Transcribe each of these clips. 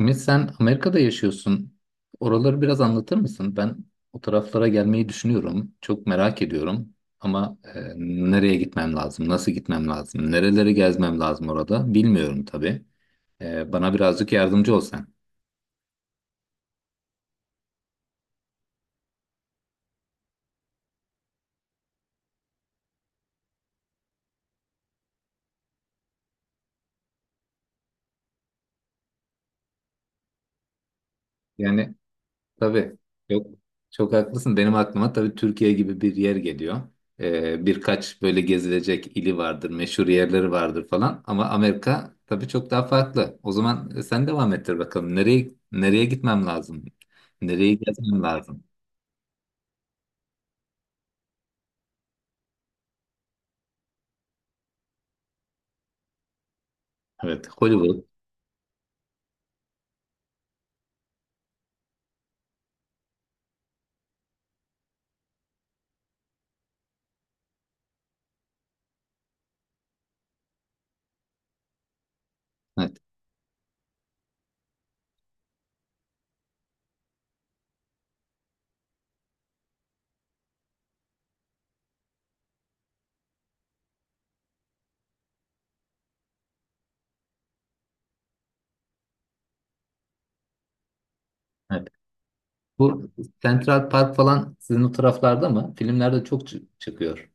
Ümit sen Amerika'da yaşıyorsun. Oraları biraz anlatır mısın? Ben o taraflara gelmeyi düşünüyorum. Çok merak ediyorum. Ama nereye gitmem lazım? Nasıl gitmem lazım? Nereleri gezmem lazım orada? Bilmiyorum tabii. Bana birazcık yardımcı olsan. Yani, tabii, çok haklısın. Benim aklıma tabii Türkiye gibi bir yer geliyor. Birkaç böyle gezilecek ili vardır, meşhur yerleri vardır falan. Ama Amerika tabii çok daha farklı. O zaman sen devam ettir bakalım. Nereye gitmem lazım? Nereyi gezmem lazım? Evet, Hollywood. Evet, evet. Bu Central Park falan sizin o taraflarda mı? Filmlerde çok çıkıyor.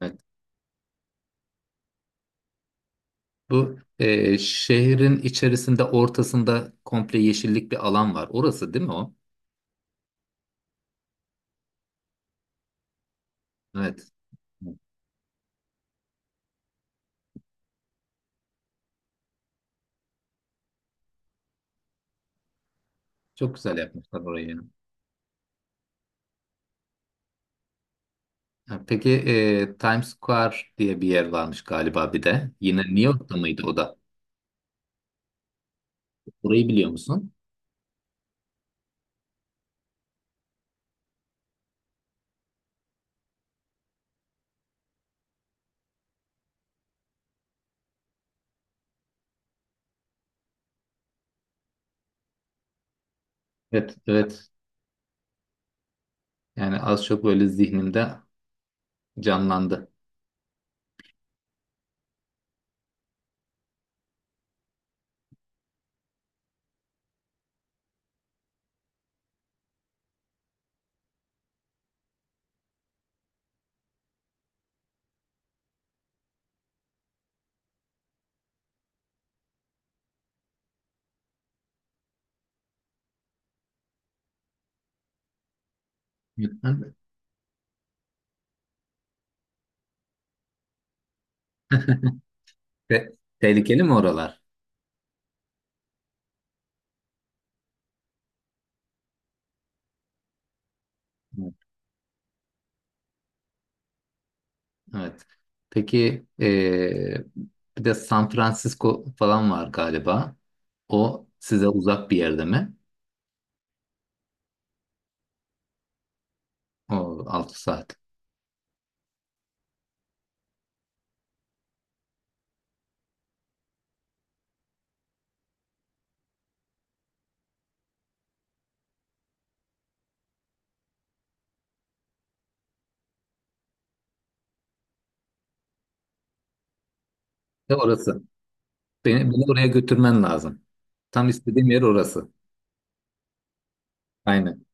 Evet. Bu şehrin içerisinde ortasında komple yeşillik bir alan var. Orası değil mi o? Evet. Çok güzel yapmışlar orayı. Ha, peki Times Square diye bir yer varmış galiba bir de. Yine New York'ta mıydı o da? Orayı biliyor musun? Evet, evet. Yani az çok böyle zihnimde canlandı. Lütfen. Te- tehlikeli mi oralar? Evet. Evet. Peki, bir de San Francisco falan var galiba. O size uzak bir yerde mi? O 6 saat. Ve orası. Beni oraya götürmen lazım. Tam istediğim yer orası. Aynen.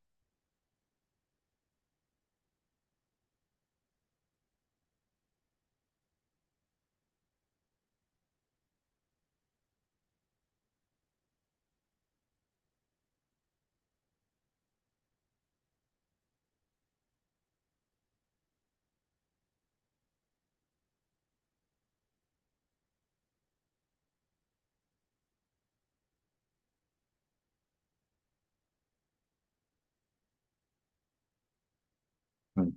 Hı.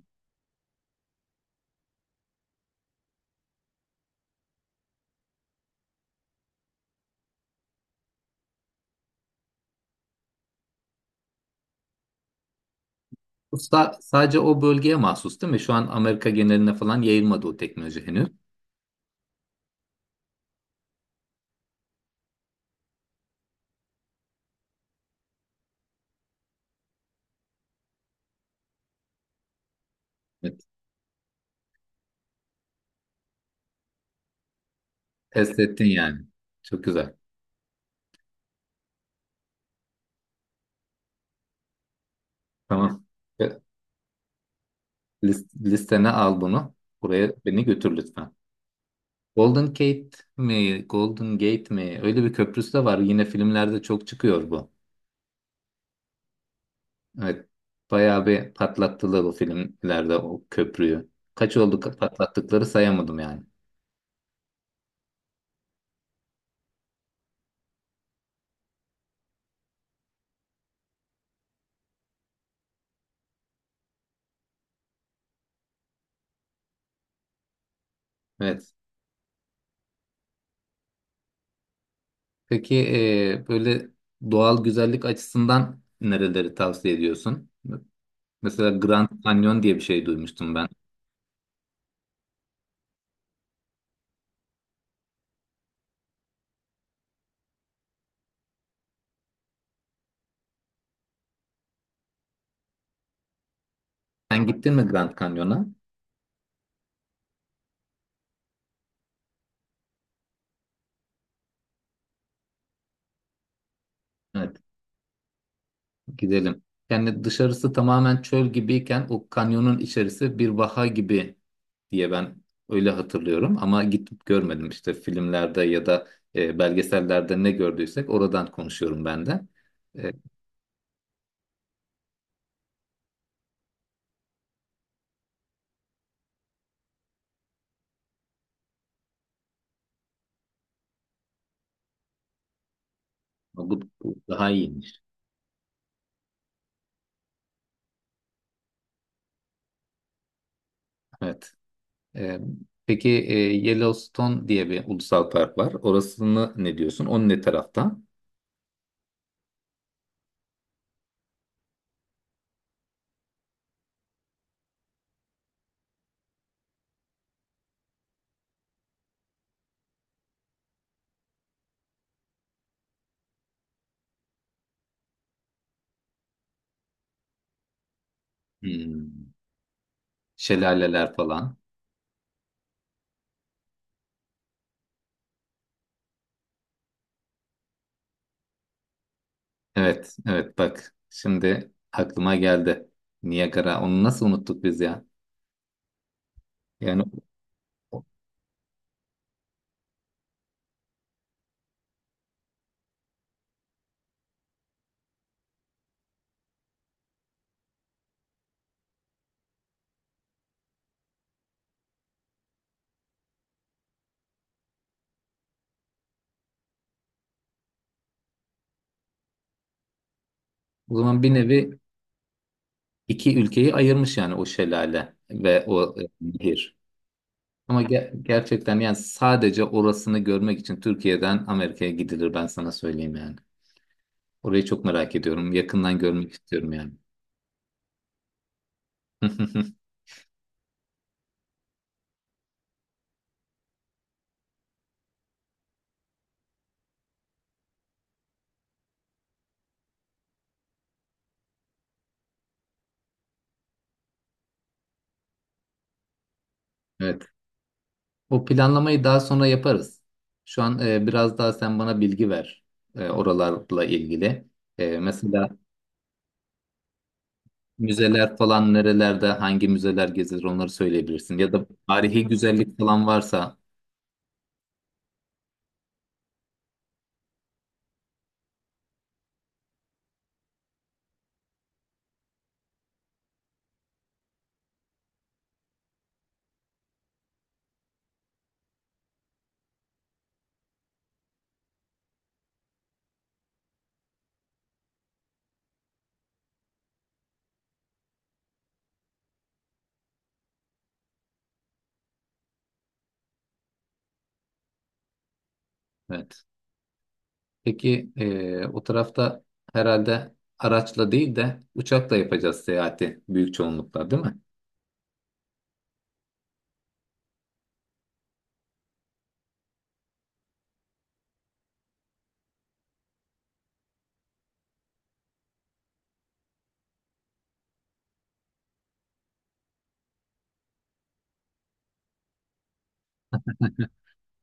Bu sadece o bölgeye mahsus değil mi? Şu an Amerika geneline falan yayılmadı o teknoloji henüz. Evet. Test ettin yani. Çok güzel. Tamam. Ve listene al bunu. Buraya beni götür lütfen. Golden Gate mi? Golden Gate mi? Öyle bir köprüsü de var. Yine filmlerde çok çıkıyor bu. Evet. Bayağı bir patlattılar o filmlerde o köprüyü. Kaç oldu, patlattıkları sayamadım yani. Evet. Peki, böyle doğal güzellik açısından nereleri tavsiye ediyorsun? Mesela Grand Canyon diye bir şey duymuştum ben. Sen gittin mi Grand Canyon'a? Evet, gidelim. Yani dışarısı tamamen çöl gibiyken o kanyonun içerisi bir vaha gibi diye ben öyle hatırlıyorum. Ama gitip görmedim, işte filmlerde ya da belgesellerde ne gördüysek oradan konuşuyorum ben de. E, bu daha iyiymiş. Evet. Ee, peki Yellowstone diye bir ulusal park var. Orasını ne diyorsun? Onun ne tarafta? Hmm. Şelaleler falan. Evet, evet bak şimdi aklıma geldi. Niagara. Onu nasıl unuttuk biz ya? Yani o zaman bir nevi iki ülkeyi ayırmış yani o şelale ve o nehir. Ama gerçekten yani sadece orasını görmek için Türkiye'den Amerika'ya gidilir, ben sana söyleyeyim yani. Orayı çok merak ediyorum. Yakından görmek istiyorum yani. Evet. O planlamayı daha sonra yaparız. Şu an biraz daha sen bana bilgi ver oralarla ilgili. Mesela müzeler falan nerelerde, hangi müzeler gezilir onları söyleyebilirsin. Ya da tarihi güzellik falan varsa. Evet. Peki o tarafta herhalde araçla değil de uçakla yapacağız seyahati büyük çoğunlukla, değil mi?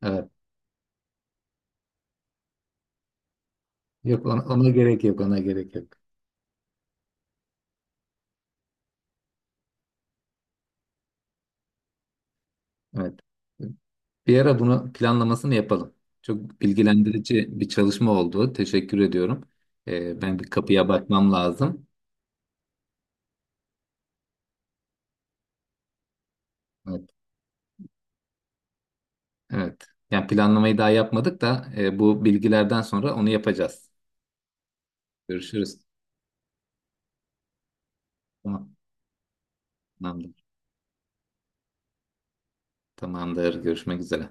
Evet. Yok, ona, ona gerek yok, ona gerek yok. Evet. Bir ara bunu planlamasını yapalım. Çok bilgilendirici bir çalışma oldu. Teşekkür ediyorum. Ben bir kapıya bakmam lazım. Evet. Evet. Yani planlamayı daha yapmadık da bu bilgilerden sonra onu yapacağız. Görüşürüz. Tamam. Tamamdır. Tamamdır. Görüşmek üzere.